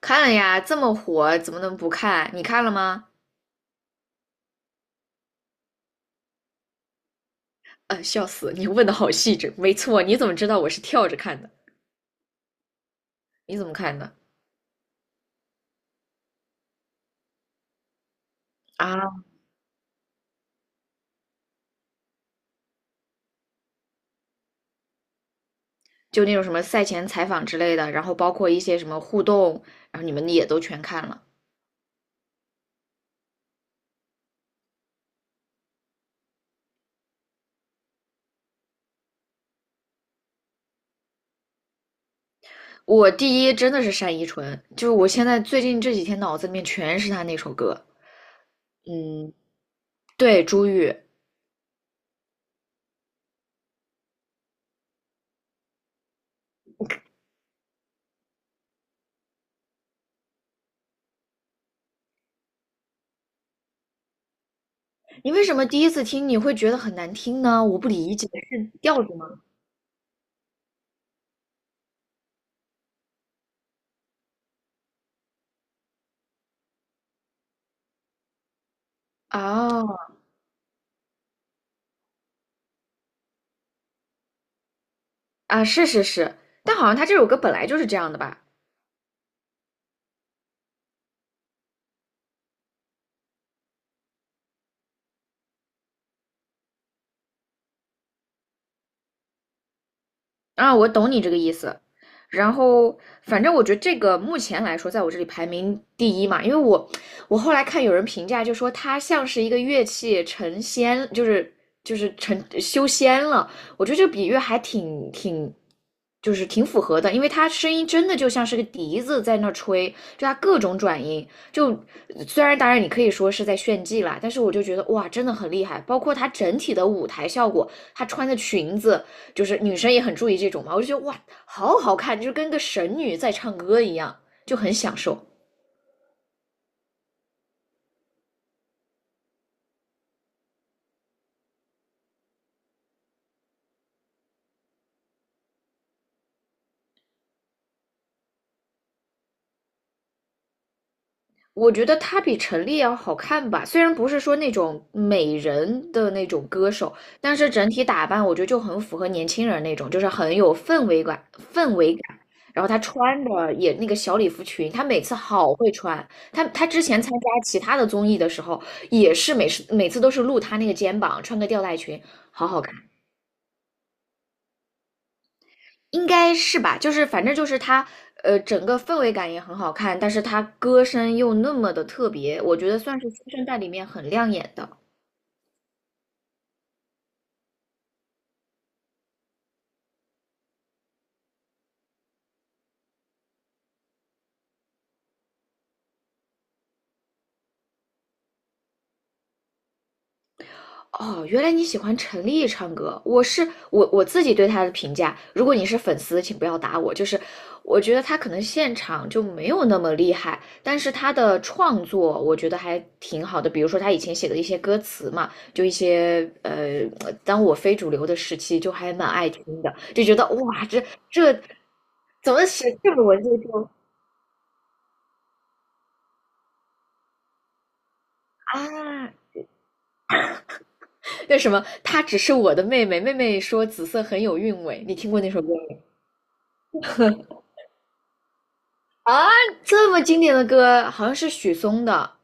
看了呀，这么火，怎么能不看？你看了吗？笑死，你问的好细致。没错，你怎么知道我是跳着看的？你怎么看的？啊，就那种什么赛前采访之类的，然后包括一些什么互动，然后你们也都全看了。我第一真的是单依纯，就是我现在最近这几天脑子里面全是她那首歌。嗯，对，朱玉，你为什么第一次听你会觉得很难听呢？我不理解，是调子吗？哦，啊，是是是，但好像他这首歌本来就是这样的吧？啊，我懂你这个意思。然后，反正我觉得这个目前来说，在我这里排名第一嘛，因为我后来看有人评价，就说它像是一个乐器成仙，就是成修仙了。我觉得这个比喻还挺，就是挺符合的，因为它声音真的就像是个笛子在那吹，就它各种转音。就虽然当然你可以说是在炫技啦，但是我就觉得哇，真的很厉害。包括它整体的舞台效果，她穿的裙子。就是女生也很注意这种嘛，我就觉得哇，好好看，就是跟个神女在唱歌一样，就很享受。我觉得她比陈粒要好看吧，虽然不是说那种美人的那种歌手，但是整体打扮我觉得就很符合年轻人那种，就是很有氛围感，氛围感。然后她穿的也那个小礼服裙，她每次好会穿。她之前参加其他的综艺的时候，也是每次都是露她那个肩膀，穿个吊带裙，好好看。应该是吧，就是反正就是他，整个氛围感也很好看，但是他歌声又那么的特别，我觉得算是新生代里面很亮眼的。哦，原来你喜欢陈粒唱歌。我是我我自己对她的评价，如果你是粉丝，请不要打我。就是我觉得她可能现场就没有那么厉害，但是她的创作我觉得还挺好的。比如说她以前写的一些歌词嘛，就一些,当我非主流的时期，就还蛮爱听的，就觉得哇，这怎么写这么文绉绉啊？为什么，她只是我的妹妹，妹妹说紫色很有韵味。你听过那首歌没？啊，这么经典的歌，好像是许嵩的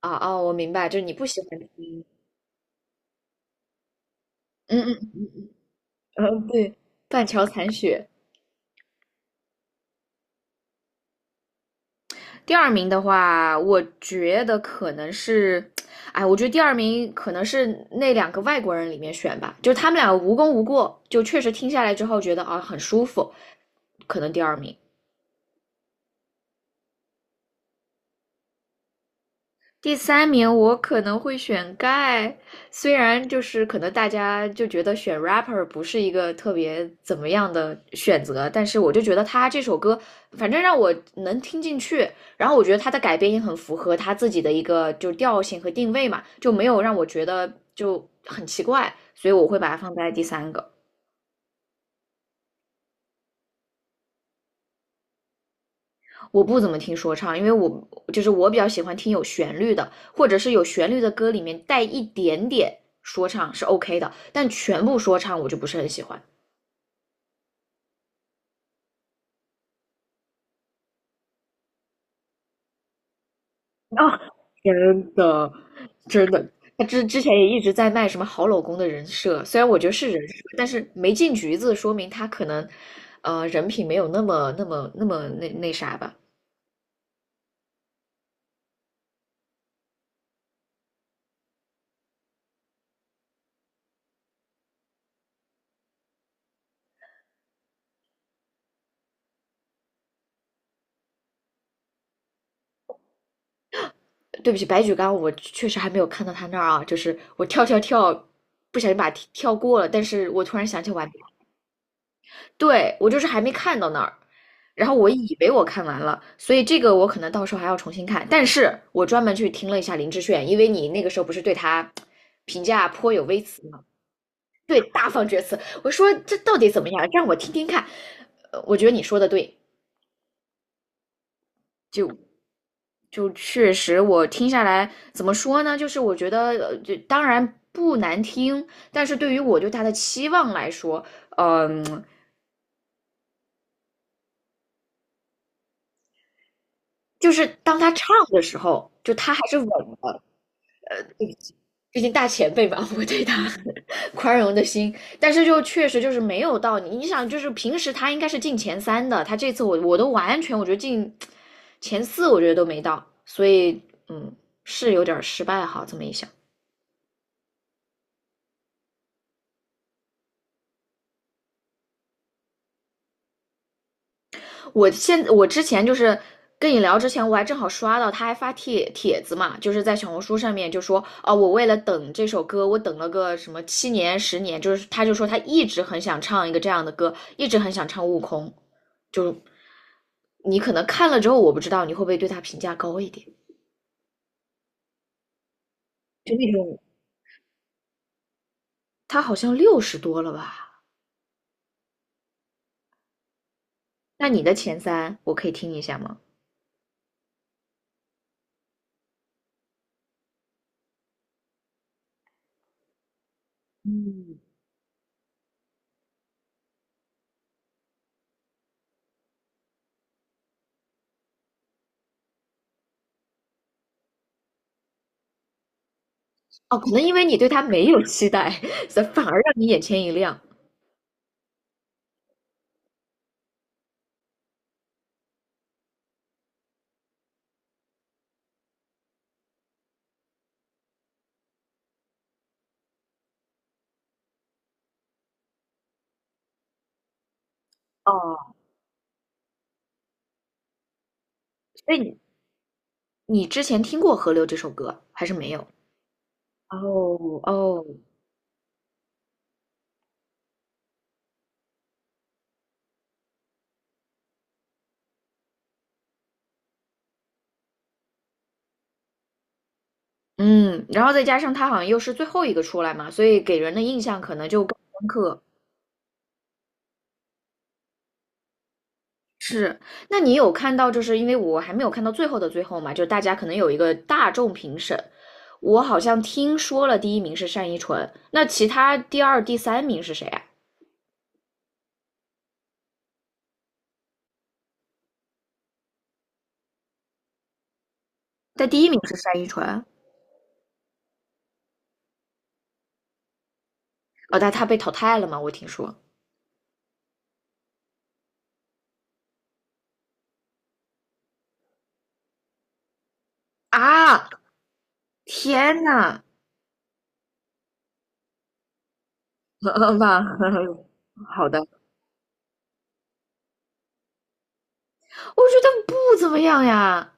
啊哦，我明白，就是你不喜欢听，嗯嗯嗯，对，《断桥残雪》。第二名的话，我觉得可能是，哎，我觉得第二名可能是那两个外国人里面选吧，就是他们两个无功无过，就确实听下来之后觉得啊很舒服，可能第二名。第三名我可能会选 Guy，虽然就是可能大家就觉得选 rapper 不是一个特别怎么样的选择，但是我就觉得他这首歌反正让我能听进去，然后我觉得他的改编也很符合他自己的一个就调性和定位嘛，就没有让我觉得就很奇怪，所以我会把它放在第三个。我不怎么听说唱，因为我就是我比较喜欢听有旋律的，或者是有旋律的歌里面带一点点说唱是 OK 的，但全部说唱我就不是很喜欢。啊，真的，真的，他之前也一直在卖什么好老公的人设，虽然我觉得是人设，但是没进局子，说明他可能，人品没有那么那么啥吧。对不起，白举纲，我确实还没有看到他那儿啊，就是我跳，不小心把它跳过了，但是我突然想起完对，我就是还没看到那儿，然后我以为我看完了，所以这个我可能到时候还要重新看。但是我专门去听了一下林志炫，因为你那个时候不是对他评价颇有微词吗？对，大放厥词。我说这到底怎么样？让我听听看。我觉得你说的对，就确实我听下来怎么说呢？就是我觉得,就当然不难听，但是对于我对他的期望来说，嗯、就是当他唱的时候，就他还是稳的。毕竟大前辈嘛，我对他 宽容的心，但是就确实就是没有到你，你想就是平时他应该是进前三的，他这次我都完全我觉得进前四，我觉得都没到，所以嗯是有点失败哈，这么一想。我之前就是跟你聊之前，我还正好刷到他还发帖子嘛，就是在小红书上面就说哦，我为了等这首歌，我等了个什么七年十年，就是他就说他一直很想唱一个这样的歌，一直很想唱《悟空》，就你可能看了之后，我不知道你会不会对他评价高一点，就那种他好像六十多了吧？那你的前三我可以听一下吗？嗯，哦，可能因为你对他没有期待，所以反而让你眼前一亮。哦，所以你之前听过《河流》这首歌还是没有？哦哦，嗯，然后再加上他好像又是最后一个出来嘛，所以给人的印象可能就更深刻。是，那你有看到，就是因为我还没有看到最后的最后嘛，就是大家可能有一个大众评审，我好像听说了第一名是单依纯，那其他第二、第三名是谁啊？但第一名是单依纯，哦，但他被淘汰了嘛，我听说啊，天呐，好吧，好的，我觉得不怎么样呀，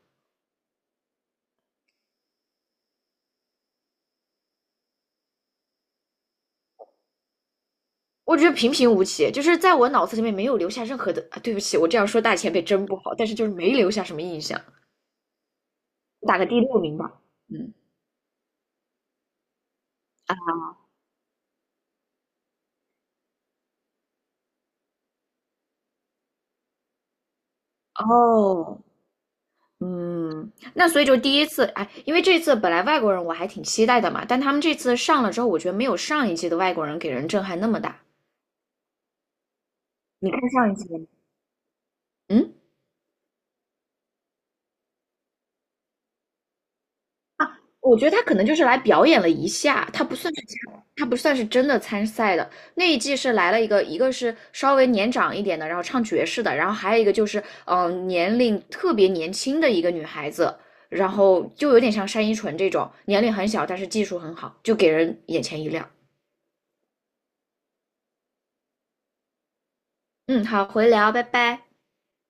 我觉得平平无奇，就是在我脑子里面没有留下任何的啊。对不起，我这样说大前辈真不好，但是就是没留下什么印象，打个第六名吧。嗯，哦，嗯，那所以就第一次，哎，因为这次本来外国人我还挺期待的嘛，但他们这次上了之后，我觉得没有上一季的外国人给人震撼那么大。你看上一季了吗？嗯，啊，我觉得他可能就是来表演了一下，他不算是他不算是真的参赛的。那一季是来了一个，一个是稍微年长一点的，然后唱爵士的，然后还有一个就是年龄特别年轻的一个女孩子，然后就有点像单依纯这种，年龄很小，但是技术很好，就给人眼前一亮。嗯，好，回聊，拜拜。